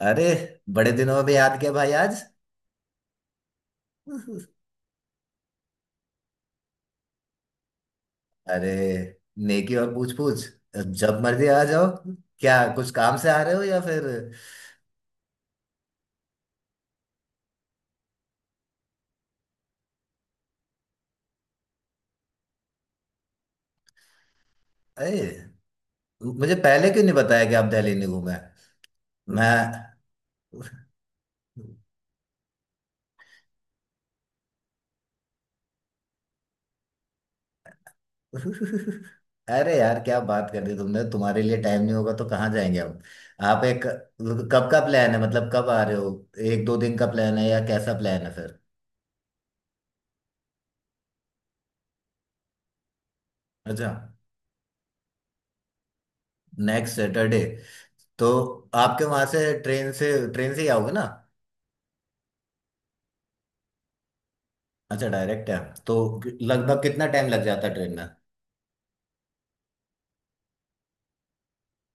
अरे, बड़े दिनों में भी याद किया भाई आज। अरे, नेकी और पूछ पूछ। जब मर्जी आ जाओ। क्या कुछ काम से आ रहे हो या फिर? अरे, मुझे पहले क्यों नहीं बताया कि आप दिल्ली नहीं घूमे। मैं अरे यार, क्या बात कर दी तुमने। तुम्हारे लिए टाइम नहीं होगा तो कहाँ जाएंगे हम। आप एक कब का प्लान है, मतलब कब आ रहे हो? 1-2 दिन का प्लान है या कैसा प्लान है फिर? अच्छा, नेक्स्ट सैटरडे। तो आपके वहां से ट्रेन से ही आओगे ना? अच्छा, डायरेक्ट है। तो लगभग कितना टाइम लग जाता है ट्रेन में?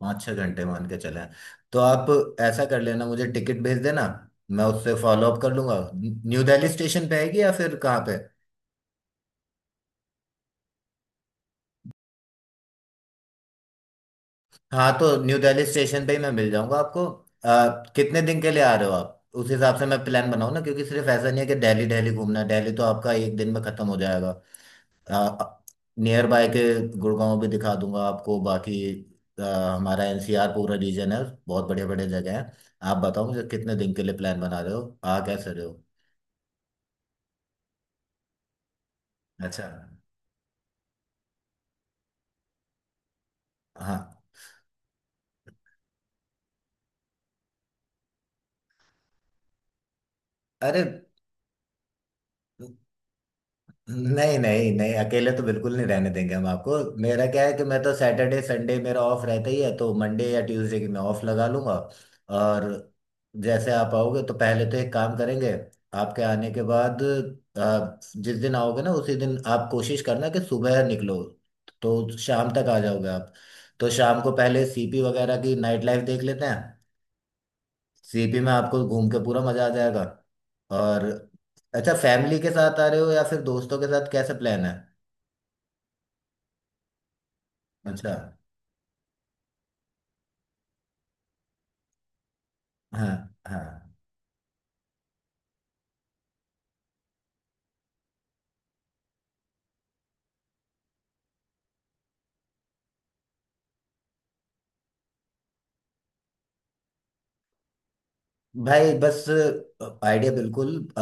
5-6 घंटे मान के चले। तो आप ऐसा कर लेना, मुझे टिकट भेज देना। मैं उससे फॉलो अप कर लूंगा, न्यू दिल्ली स्टेशन पे आएगी या फिर कहाँ पे? हाँ, तो न्यू दिल्ली स्टेशन पे ही मैं मिल जाऊंगा आपको। कितने दिन के लिए आ रहे हो आप, उस हिसाब से मैं प्लान बनाऊँ ना। क्योंकि सिर्फ ऐसा नहीं है कि दिल्ली दिल्ली घूमना है। दिल्ली तो आपका एक दिन में खत्म हो जाएगा। नियर बाय के गुड़गांव भी दिखा दूंगा आपको। बाकी हमारा एनसीआर पूरा रीजन है, बहुत बढ़िया बढ़िया जगह है। आप बताओ मुझे कितने दिन के लिए प्लान बना रहे हो, आ कैसे रहे हो? अच्छा। हाँ। अरे, नहीं नहीं नहीं, अकेले तो बिल्कुल नहीं रहने देंगे हम आपको। मेरा क्या है कि मैं तो सैटरडे संडे मेरा ऑफ रहता ही है, तो मंडे या ट्यूसडे की मैं ऑफ लगा लूंगा। और जैसे आप आओगे तो पहले तो एक काम करेंगे। आपके आने के बाद आप जिस दिन आओगे ना, उसी दिन आप कोशिश करना कि सुबह निकलो, तो शाम तक आ जाओगे आप। तो शाम को पहले सीपी वगैरह की नाइट लाइफ देख लेते हैं। सीपी में आपको घूम के पूरा मजा आ जाएगा। और अच्छा, फैमिली के साथ आ रहे हो या फिर दोस्तों के साथ, कैसे प्लान है? अच्छा। हाँ हाँ। भाई बस, आइडिया बिल्कुल,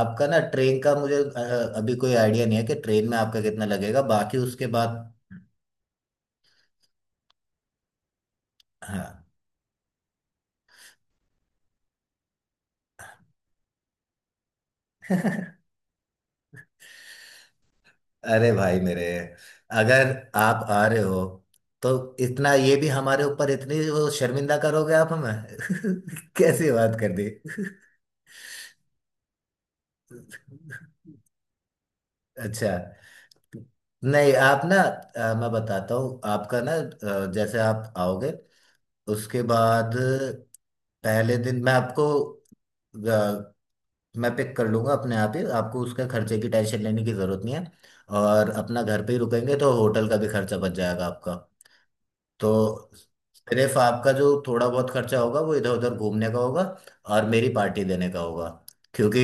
आपका ना ट्रेन का मुझे अभी कोई आइडिया नहीं है कि ट्रेन में आपका कितना लगेगा, बाकी उसके बाद। हाँ। अरे भाई मेरे, अगर आप आ रहे हो तो इतना ये भी हमारे ऊपर, इतनी वो शर्मिंदा करोगे आप हमें? कैसी बात कर दी। अच्छा, नहीं, आप ना मैं बताता हूँ आपका ना जैसे आप आओगे उसके बाद पहले दिन मैं आपको अ, मैं पिक कर लूंगा अपने आप ही आपको। उसके खर्चे की टेंशन लेने की जरूरत नहीं है। और अपना घर पे ही रुकेंगे तो होटल का भी खर्चा बच जाएगा आपका। तो सिर्फ आपका जो थोड़ा बहुत खर्चा होगा वो इधर उधर घूमने का होगा, और मेरी पार्टी देने का होगा। क्योंकि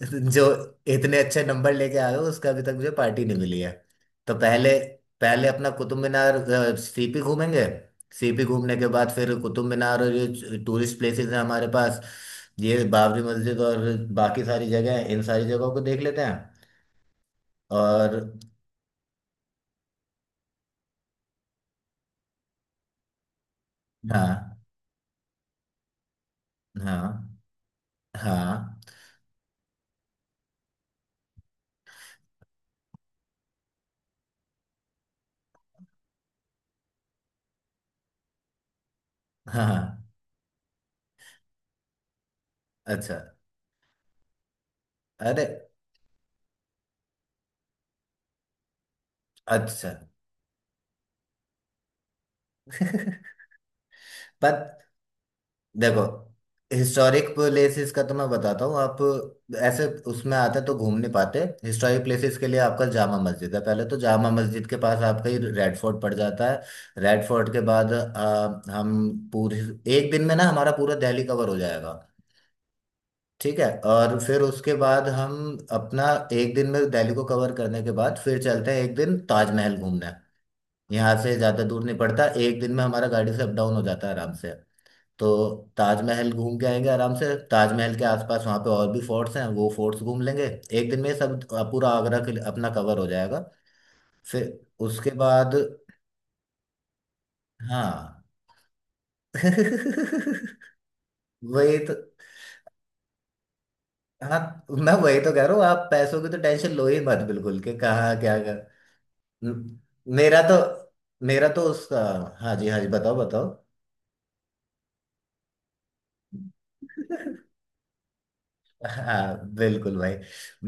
जो इतने अच्छे नंबर लेके आए हो उसका अभी तक मुझे पार्टी नहीं मिली है। तो पहले पहले अपना कुतुब मीनार, सीपी घूमेंगे। सीपी घूमने के बाद फिर कुतुब मीनार, और ये टूरिस्ट प्लेसेस हैं हमारे पास, ये बाबरी मस्जिद और बाकी सारी जगह हैं, इन सारी जगहों को देख लेते हैं। और हाँ हाँ, हाँ हाँ हाँ, अच्छा, अरे, अच्छा। पर देखो, हिस्टोरिक प्लेसेस का तो मैं बताता हूँ आप। ऐसे उसमें आते तो घूम नहीं पाते। हिस्टोरिक प्लेसेस के लिए आपका जामा मस्जिद है, पहले तो जामा मस्जिद के पास आपका ही रेड फोर्ट पड़ जाता है। रेड फोर्ट के बाद हम पूरे एक दिन में ना, हमारा पूरा दिल्ली कवर हो जाएगा। ठीक है। और फिर उसके बाद हम अपना एक दिन में दिल्ली को कवर करने के बाद फिर चलते हैं एक दिन ताजमहल घूमने। यहाँ से ज़्यादा दूर नहीं पड़ता, एक दिन में हमारा गाड़ी से अप डाउन हो जाता है आराम से। तो ताजमहल घूम के आएंगे आराम से। ताजमहल के आसपास वहाँ पे और भी फोर्ट्स हैं, वो फोर्ट्स घूम लेंगे। एक दिन में सब पूरा आगरा के लिए अपना कवर हो जाएगा। फिर उसके बाद हाँ। वही तो। हाँ, मैं वही तो कह रहा हूँ, आप पैसों की तो टेंशन लो ही मत बिल्कुल, के कहाँ क्या कर। म- मेरा तो मेरा तो उसका। हाँ जी, हाँ जी, बताओ। बताओ। हाँ बिल्कुल भाई,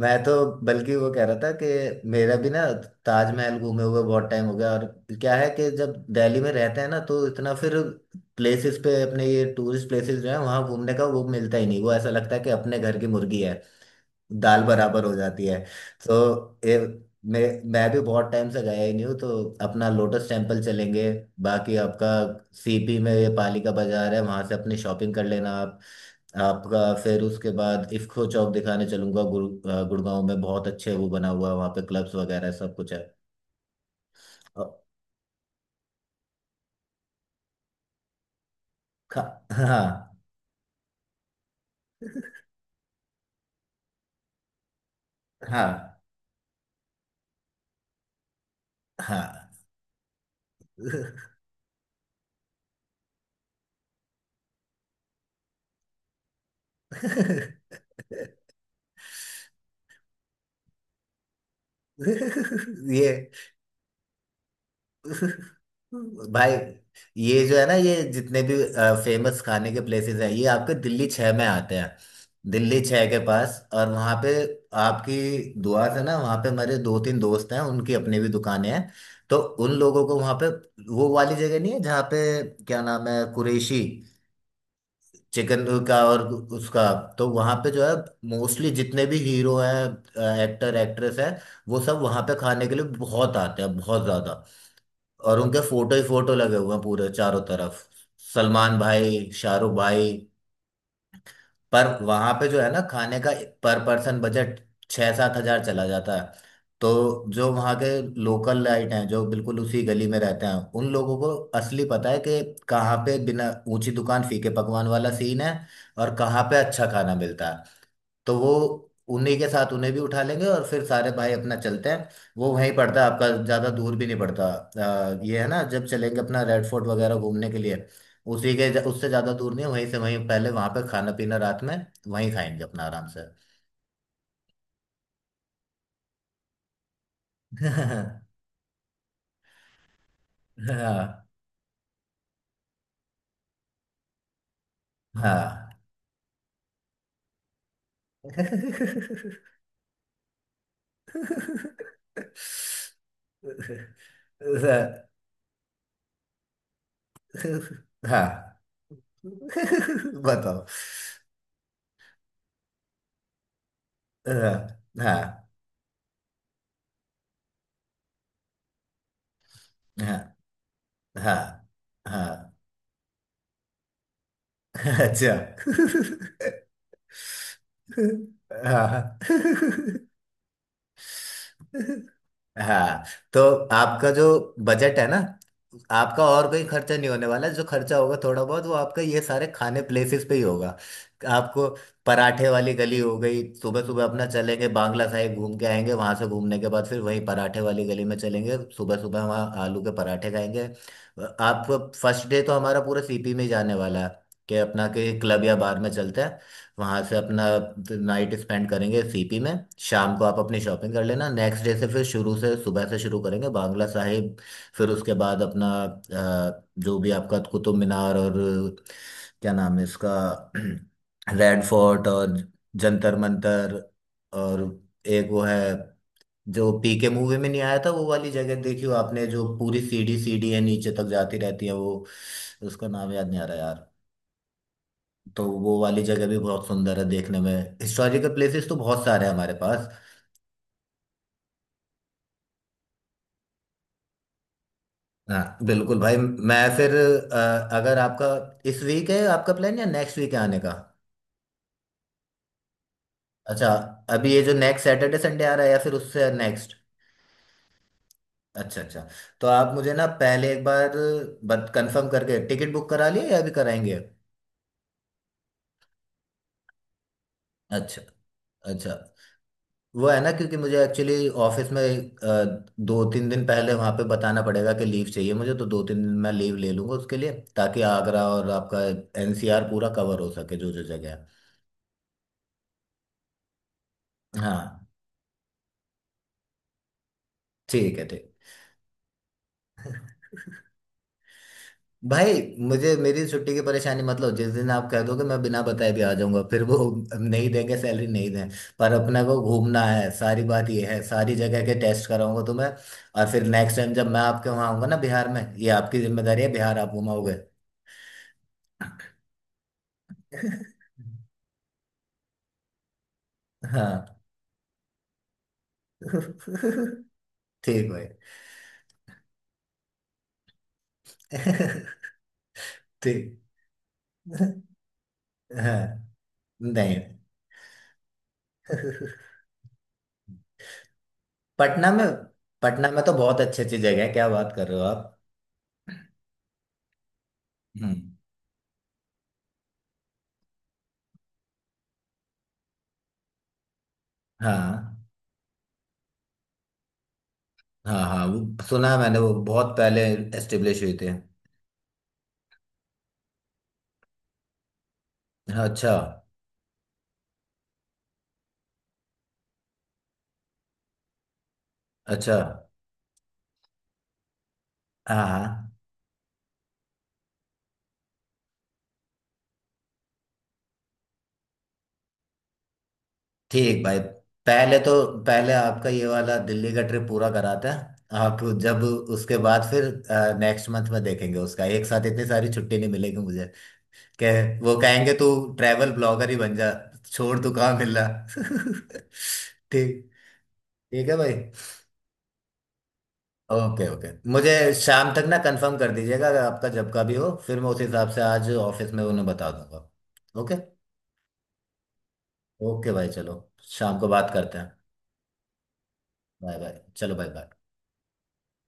मैं तो बल्कि वो कह रहा था कि मेरा भी ना ताजमहल घूमे हुए बहुत टाइम हो गया। और क्या है कि जब दिल्ली में रहते हैं ना, तो इतना फिर प्लेसेस पे अपने, ये टूरिस्ट प्लेसेस जो है वहाँ घूमने का वो मिलता ही नहीं। वो ऐसा लगता है कि अपने घर की मुर्गी दाल बराबर हो जाती है। तो ये मैं मैं भी बहुत टाइम से गया ही नहीं हूँ। तो अपना लोटस टेम्पल चलेंगे। बाकी आपका सीपी में ये पालिका बाजार है, वहां से अपनी शॉपिंग कर लेना आप। आपका फिर उसके बाद इफ्को चौक दिखाने चलूंगा। गुड़गांव में बहुत अच्छे वो बना हुआ है, वहाँ पे क्लब्स वगैरह सब कुछ है। और खा हाँ हाँ हाँ। ये। भाई, ये जो है ना, ये जितने भी फेमस खाने के प्लेसेस हैं, ये आपके दिल्ली छह में आते हैं। दिल्ली छह के पास। और वहाँ पे आपकी दुआ से ना वहाँ पे मेरे दो तीन दोस्त हैं, उनकी अपनी भी दुकानें हैं। तो उन लोगों को वहाँ पे, वो वाली जगह नहीं है जहाँ पे, क्या नाम है, कुरैशी चिकन का और उसका। तो वहाँ पे जो है, मोस्टली जितने भी हीरो हैं, एक्टर एक्ट्रेस हैं, वो सब वहाँ पे खाने के लिए बहुत आते हैं, बहुत ज़्यादा। और उनके फोटो ही फोटो लगे हुए हैं पूरे चारों तरफ, सलमान भाई, शाहरुख भाई। पर वहां पे जो है ना खाने का पर पर्सन बजट, 6-7 हजार चला जाता है। तो जो वहाँ के लोकल लाइट हैं, जो बिल्कुल उसी गली में रहते हैं, उन लोगों को असली पता है कि कहाँ पे बिना ऊंची दुकान फीके पकवान वाला सीन है, और कहाँ पे अच्छा खाना मिलता है। तो वो उन्हीं के साथ, उन्हें भी उठा लेंगे, और फिर सारे भाई अपना चलते हैं। वो वहीं पड़ता है आपका, ज़्यादा दूर भी नहीं पड़ता। ये है ना, जब चलेंगे अपना रेड फोर्ट वगैरह घूमने के लिए उसी के, उससे ज़्यादा दूर नहीं है, वहीं से वहीं पहले वहाँ पे खाना पीना, रात में वहीं खाएंगे अपना आराम से। हाँ हाँ। हाँ। बताओ। हाँ हाँ, हाँ हाँ हाँ। अच्छा। हाँ। हाँ, तो आपका जो बजट है ना आपका, और कोई खर्चा नहीं होने वाला है। जो खर्चा होगा थोड़ा बहुत वो आपका ये सारे खाने प्लेसेस पे ही होगा आपको। पराठे वाली गली हो गई, सुबह सुबह अपना चलेंगे बांग्ला साहिब घूम के आएंगे, वहां से घूमने के बाद फिर वहीं पराठे वाली गली में चलेंगे सुबह सुबह, वहाँ आलू के पराठे खाएंगे आप। फर्स्ट डे तो हमारा पूरा सीपी में ही जाने वाला है, कि अपना के क्लब या बार में चलते हैं। वहां से अपना नाइट स्पेंड करेंगे सीपी में। शाम को आप अपनी शॉपिंग कर लेना। नेक्स्ट डे से फिर शुरू से, सुबह से शुरू करेंगे बांग्ला साहिब। फिर उसके बाद अपना जो भी आपका कुतुब मीनार, और क्या नाम है इसका, रेड फोर्ट, और जंतर मंतर, और एक वो है जो पीके मूवी में नहीं आया था वो वाली जगह, देखी हो आपने जो पूरी सीढ़ी सीढ़ी है नीचे तक जाती रहती है वो, उसका नाम याद नहीं आ रहा यार। तो वो वाली जगह भी बहुत सुंदर है देखने में। हिस्टोरिकल प्लेसेस तो बहुत सारे हैं हमारे पास। हाँ बिल्कुल भाई। मैं फिर अगर आपका इस वीक है आपका प्लान, या नेक्स्ट वीक है आने का? अच्छा, अभी ये जो नेक्स्ट सैटरडे संडे आ रहा है, या फिर उससे नेक्स्ट? अच्छा, अच्छा। तो आप मुझे ना पहले एक बार बत कंफर्म करके, टिकट बुक करा लिए या अभी कराएंगे? अच्छा, अच्छा। वो है ना क्योंकि मुझे एक्चुअली ऑफिस में 2-3 दिन पहले वहां पे बताना पड़ेगा कि लीव चाहिए मुझे, तो 2-3 दिन मैं लीव ले लूंगा उसके लिए, ताकि आगरा और आपका एनसीआर पूरा कवर हो सके जो जो जगह है। हाँ, ठीक है। ठीक भाई, मुझे मेरी छुट्टी की परेशानी मत लो, जिस दिन आप कह दोगे मैं बिना बताए भी आ जाऊंगा। फिर वो नहीं देंगे सैलरी, नहीं दें, पर अपने को घूमना है, सारी बात ये है। सारी जगह के टेस्ट कराऊंगा तुम्हें। और फिर नेक्स्ट टाइम जब मैं आपके वहां आऊंगा ना बिहार में, ये आपकी जिम्मेदारी है, बिहार आप घुमाओगे। हाँ। ठीक भाई। ठीक। हाँ नहीं, पटना में पटना में तो बहुत अच्छी अच्छी जगह है, क्या बात कर रहे हो आप। हम्म। हाँ हाँ, हाँ वो सुना है मैंने, वो बहुत पहले एस्टेब्लिश हुए थे। अच्छा, अच्छा। हाँ हाँ। ठीक भाई। पहले तो पहले आपका ये वाला दिल्ली का ट्रिप पूरा कराते हैं आप जब, उसके बाद फिर नेक्स्ट मंथ में देखेंगे उसका, एक साथ इतनी सारी छुट्टी नहीं मिलेगी मुझे। कह वो कहेंगे तू ट्रैवल ब्लॉगर ही बन जा, छोड़ तू, कहाँ मिल रहा। ठीक ठीक है भाई। ओके, ओके, मुझे शाम तक ना कंफर्म कर दीजिएगा, अगर आपका जब का भी हो, फिर मैं उस हिसाब से आज ऑफिस में उन्हें बता दूंगा। ओके। ओके भाई, चलो, शाम को बात करते हैं। बाय बाय, चलो, बाय बाय।